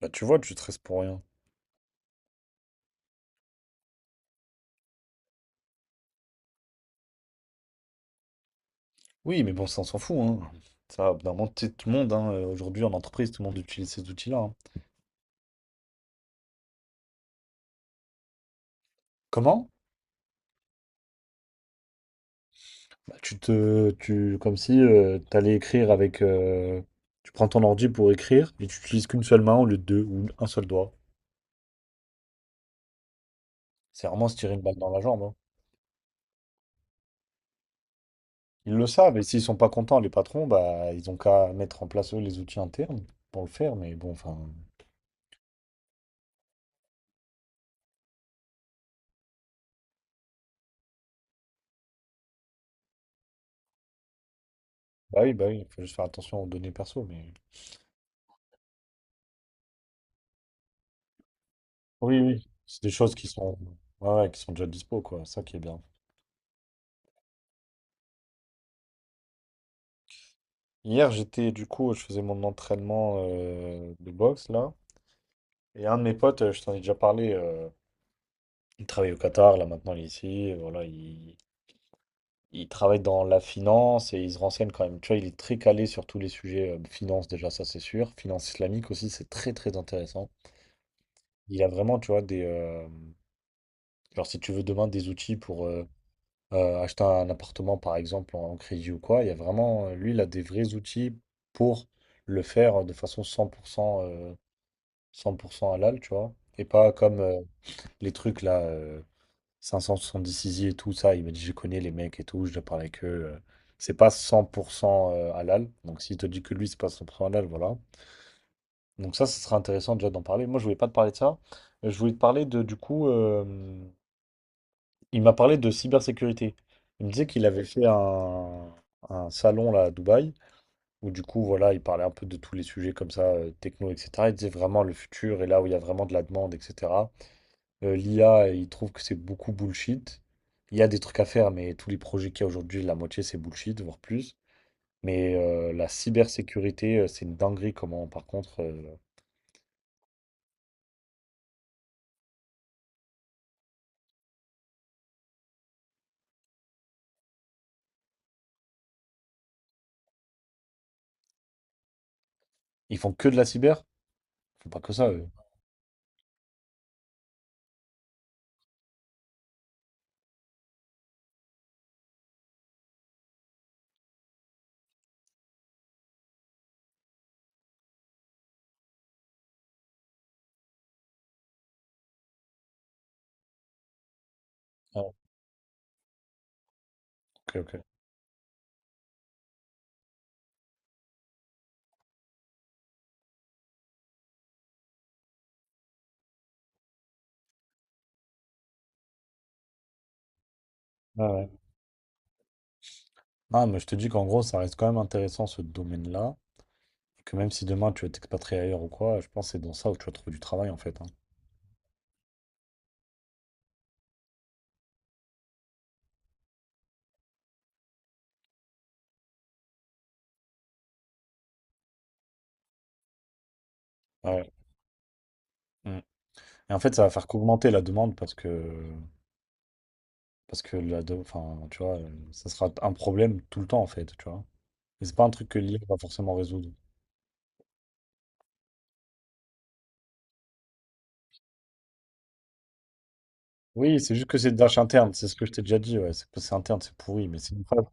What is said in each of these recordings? Bah tu vois, tu stresses pour rien. Oui, mais bon, ça, on s'en fout, hein. Ça, au bout d'un moment, tu sais, tout le monde, hein, aujourd'hui en entreprise, tout le monde utilise ces outils-là, hein. Comment? Bah, comme si tu t'allais écrire avec, tu prends ton ordi pour écrire et tu utilises qu'une seule main au lieu de deux ou un seul doigt. C'est vraiment se tirer une balle dans la jambe, hein. Ils le savent et s'ils sont pas contents, les patrons, bah ils ont qu'à mettre en place eux les outils internes pour le faire. Mais bon, enfin, bah oui, il faut juste faire attention aux données perso, mais. Oui, oui. C'est des choses qui sont, ouais, ouais, qui sont déjà dispo, quoi. Ça qui est bien. Hier, j'étais, du coup, je faisais mon entraînement de boxe, là. Et un de mes potes, je t'en ai déjà parlé, il travaille au Qatar, là, maintenant, il est ici. Et voilà, il travaille dans la finance et il se renseigne quand même. Tu vois, il est très calé sur tous les sujets de finance, déjà, ça, c'est sûr. Finance islamique aussi, c'est très, très intéressant. Il a vraiment, tu vois, des genre, si tu veux demain, des outils pour acheter un appartement par exemple en crédit ou quoi, il y a vraiment, lui, il a des vrais outils pour le faire de façon 100%, 100% halal, tu vois. Et pas comme les trucs là, 576 i et tout ça, il m'a dit je connais les mecs et tout, je dois parler avec eux. C'est pas 100% halal, donc s'il te dit que lui, c'est pas 100% halal, voilà. Donc ça, ce sera intéressant déjà d'en parler. Moi, je voulais pas te parler de ça. Je voulais te parler de, du coup, il m'a parlé de cybersécurité. Il me disait qu'il avait fait un salon là à Dubaï, où du coup, voilà, il parlait un peu de tous les sujets comme ça, techno, etc. Il disait vraiment le futur et là où il y a vraiment de la demande, etc. l'IA, il trouve que c'est beaucoup bullshit. Il y a des trucs à faire, mais tous les projets qu'il y a aujourd'hui, la moitié, c'est bullshit, voire plus. Mais la cybersécurité, c'est une dinguerie comment, par contre, ils font que de la cyber? Ils font pas que ça, eux. Ah, ok, ok. Ah, ouais. Non, mais je te dis qu'en gros, ça reste quand même intéressant ce domaine-là. Et que même si demain tu veux t'expatrier ailleurs ou quoi, je pense que c'est dans ça où tu vas trouver du travail en fait, hein. Ouais. Mm. Et en fait, ça va faire qu'augmenter la demande parce que Parce que la do enfin, tu vois, ça sera un problème tout le temps, en fait, tu vois? Et c'est pas un truc que l'IA va forcément résoudre. Oui, c'est juste que c'est une tâche interne, c'est ce que je t'ai déjà dit, ouais. C'est interne, c'est pourri, mais c'est une tâche.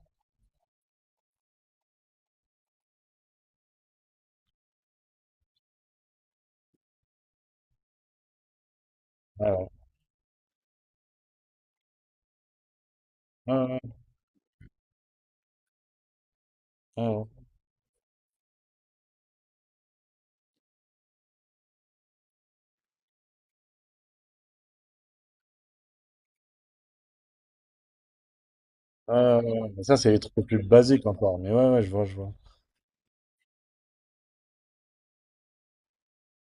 Ouais, ouais. Ouais, ouais, ouais. Ouais, ouais. Ouais, ouais, ouais, ouais. Ça, c'est les trucs les plus basiques encore, mais ouais, ouais, je vois, je vois.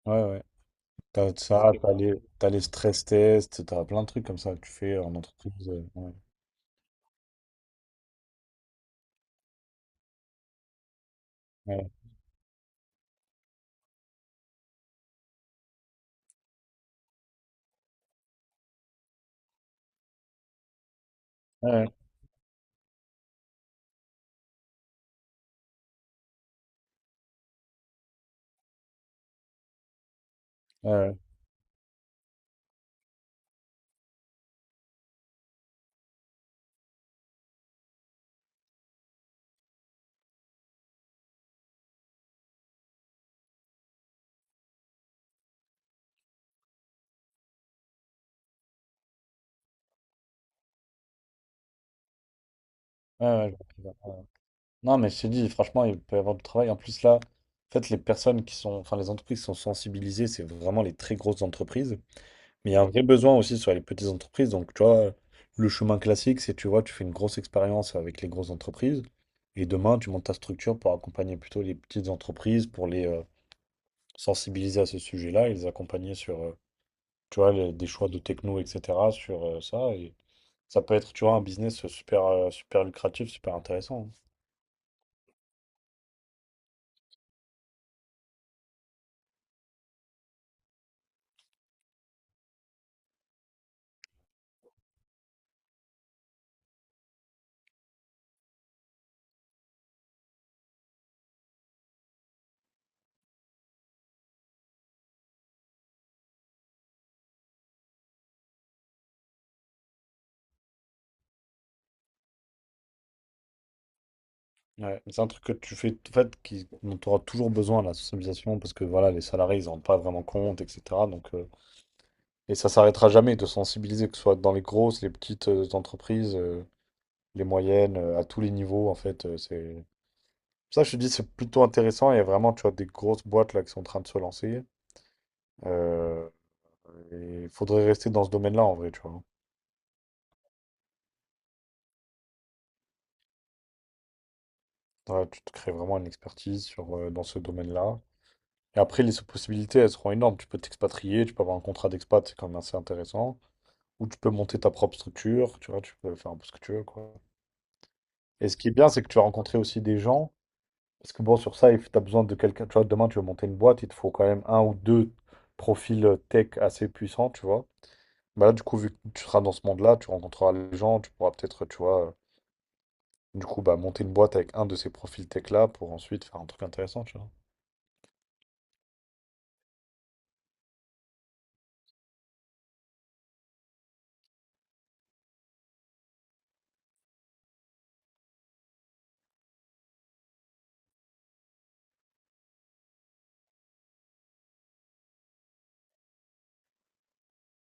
Ouais, ouais. T'as ça, t'as les stress tests, t'as plein de trucs comme ça que tu fais en entreprise, ouais. Ouais, ouais, ouais, ouais, ouais, ouais, ouais, je vois. Non, mais je te dis, franchement, il peut y avoir du travail. En plus, là, en fait, les personnes qui sont, enfin, les entreprises qui sont sensibilisées, c'est vraiment les très grosses entreprises. Mais il y a un vrai besoin aussi sur les petites entreprises. Donc, tu vois, le chemin classique, c'est, tu vois, tu fais une grosse expérience avec les grosses entreprises. Et demain, tu montes ta structure pour accompagner plutôt les petites entreprises, pour les sensibiliser à ce sujet-là et les accompagner sur, tu vois, des choix de techno, etc., sur ça. Et ça peut être, tu vois, un business super, super lucratif, super intéressant, hein. Ouais, mais c'est un truc que tu fais, en fait, qui, dont tu auras toujours besoin, la sensibilisation, parce que voilà, les salariés, ils en rendent pas vraiment compte, etc. Donc, et ça s'arrêtera jamais de sensibiliser, que ce soit dans les grosses, les petites entreprises, les moyennes, à tous les niveaux, en fait. C'est... Ça, je te dis, c'est plutôt intéressant. Il y a vraiment, tu vois, des grosses boîtes là qui sont en train de se lancer. Euh, et il faudrait rester dans ce domaine-là, en vrai, tu vois. Ouais, tu te crées vraiment une expertise sur, dans ce domaine-là. Et après, les possibilités, elles seront énormes. Tu peux t'expatrier, tu peux avoir un contrat d'expat, c'est quand même assez intéressant. Ou tu peux monter ta propre structure, tu vois, tu peux faire un peu ce que tu veux, quoi. Et ce qui est bien, c'est que tu vas rencontrer aussi des gens. Parce que bon, sur ça, tu as besoin de quelqu'un. Tu vois, demain, tu veux monter une boîte, il te faut quand même un ou deux profils tech assez puissants, tu vois. Bah là, du coup, vu que tu seras dans ce monde-là, tu rencontreras les gens, tu pourras peut-être, tu vois, du coup, bah, monter une boîte avec un de ces profils tech-là pour ensuite faire un truc intéressant, tu vois.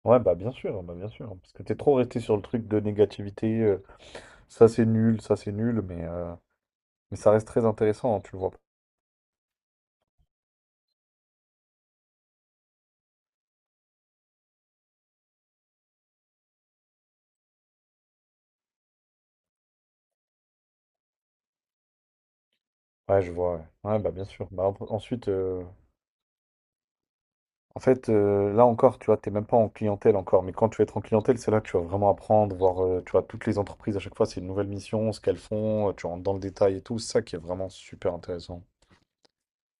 Ouais, bah bien sûr, bah bien sûr, hein. Parce que t'es trop resté sur le truc de négativité, ça c'est nul, mais ça reste très intéressant, hein, tu le vois. Ouais, je vois, ouais. Ouais, bah bien sûr. Bah, ensuite, en fait, là encore, tu vois, t'es même pas en clientèle encore, mais quand tu vas être en clientèle, c'est là que tu vas vraiment apprendre, voir, tu vois, toutes les entreprises à chaque fois, c'est une nouvelle mission, ce qu'elles font, tu rentres dans le détail et tout, c'est ça qui est vraiment super intéressant.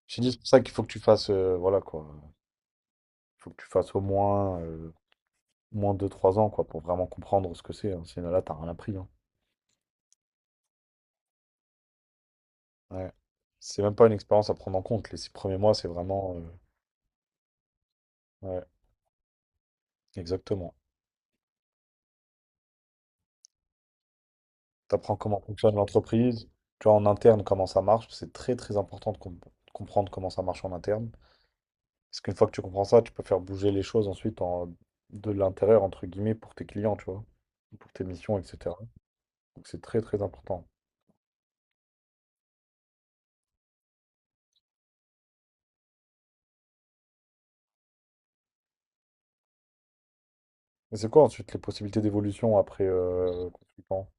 J'ai dit, c'est pour ça qu'il faut que tu fasses, voilà quoi, faut que tu fasses au moins, moins 2 3 ans quoi, pour vraiment comprendre ce que c'est, hein. Sinon, là, t'as rien appris, hein. Ouais. C'est même pas une expérience à prendre en compte. Les 6 premiers mois, c'est vraiment. Ouais, exactement. T'apprends comment fonctionne l'entreprise, tu vois, en interne, comment ça marche. C'est très très important de comprendre comment ça marche en interne. Parce qu'une fois que tu comprends ça, tu peux faire bouger les choses ensuite en... de l'intérieur, entre guillemets, pour tes clients, tu vois, pour tes missions, etc. Donc c'est très très important. Mais c'est quoi ensuite les possibilités d'évolution après consultant?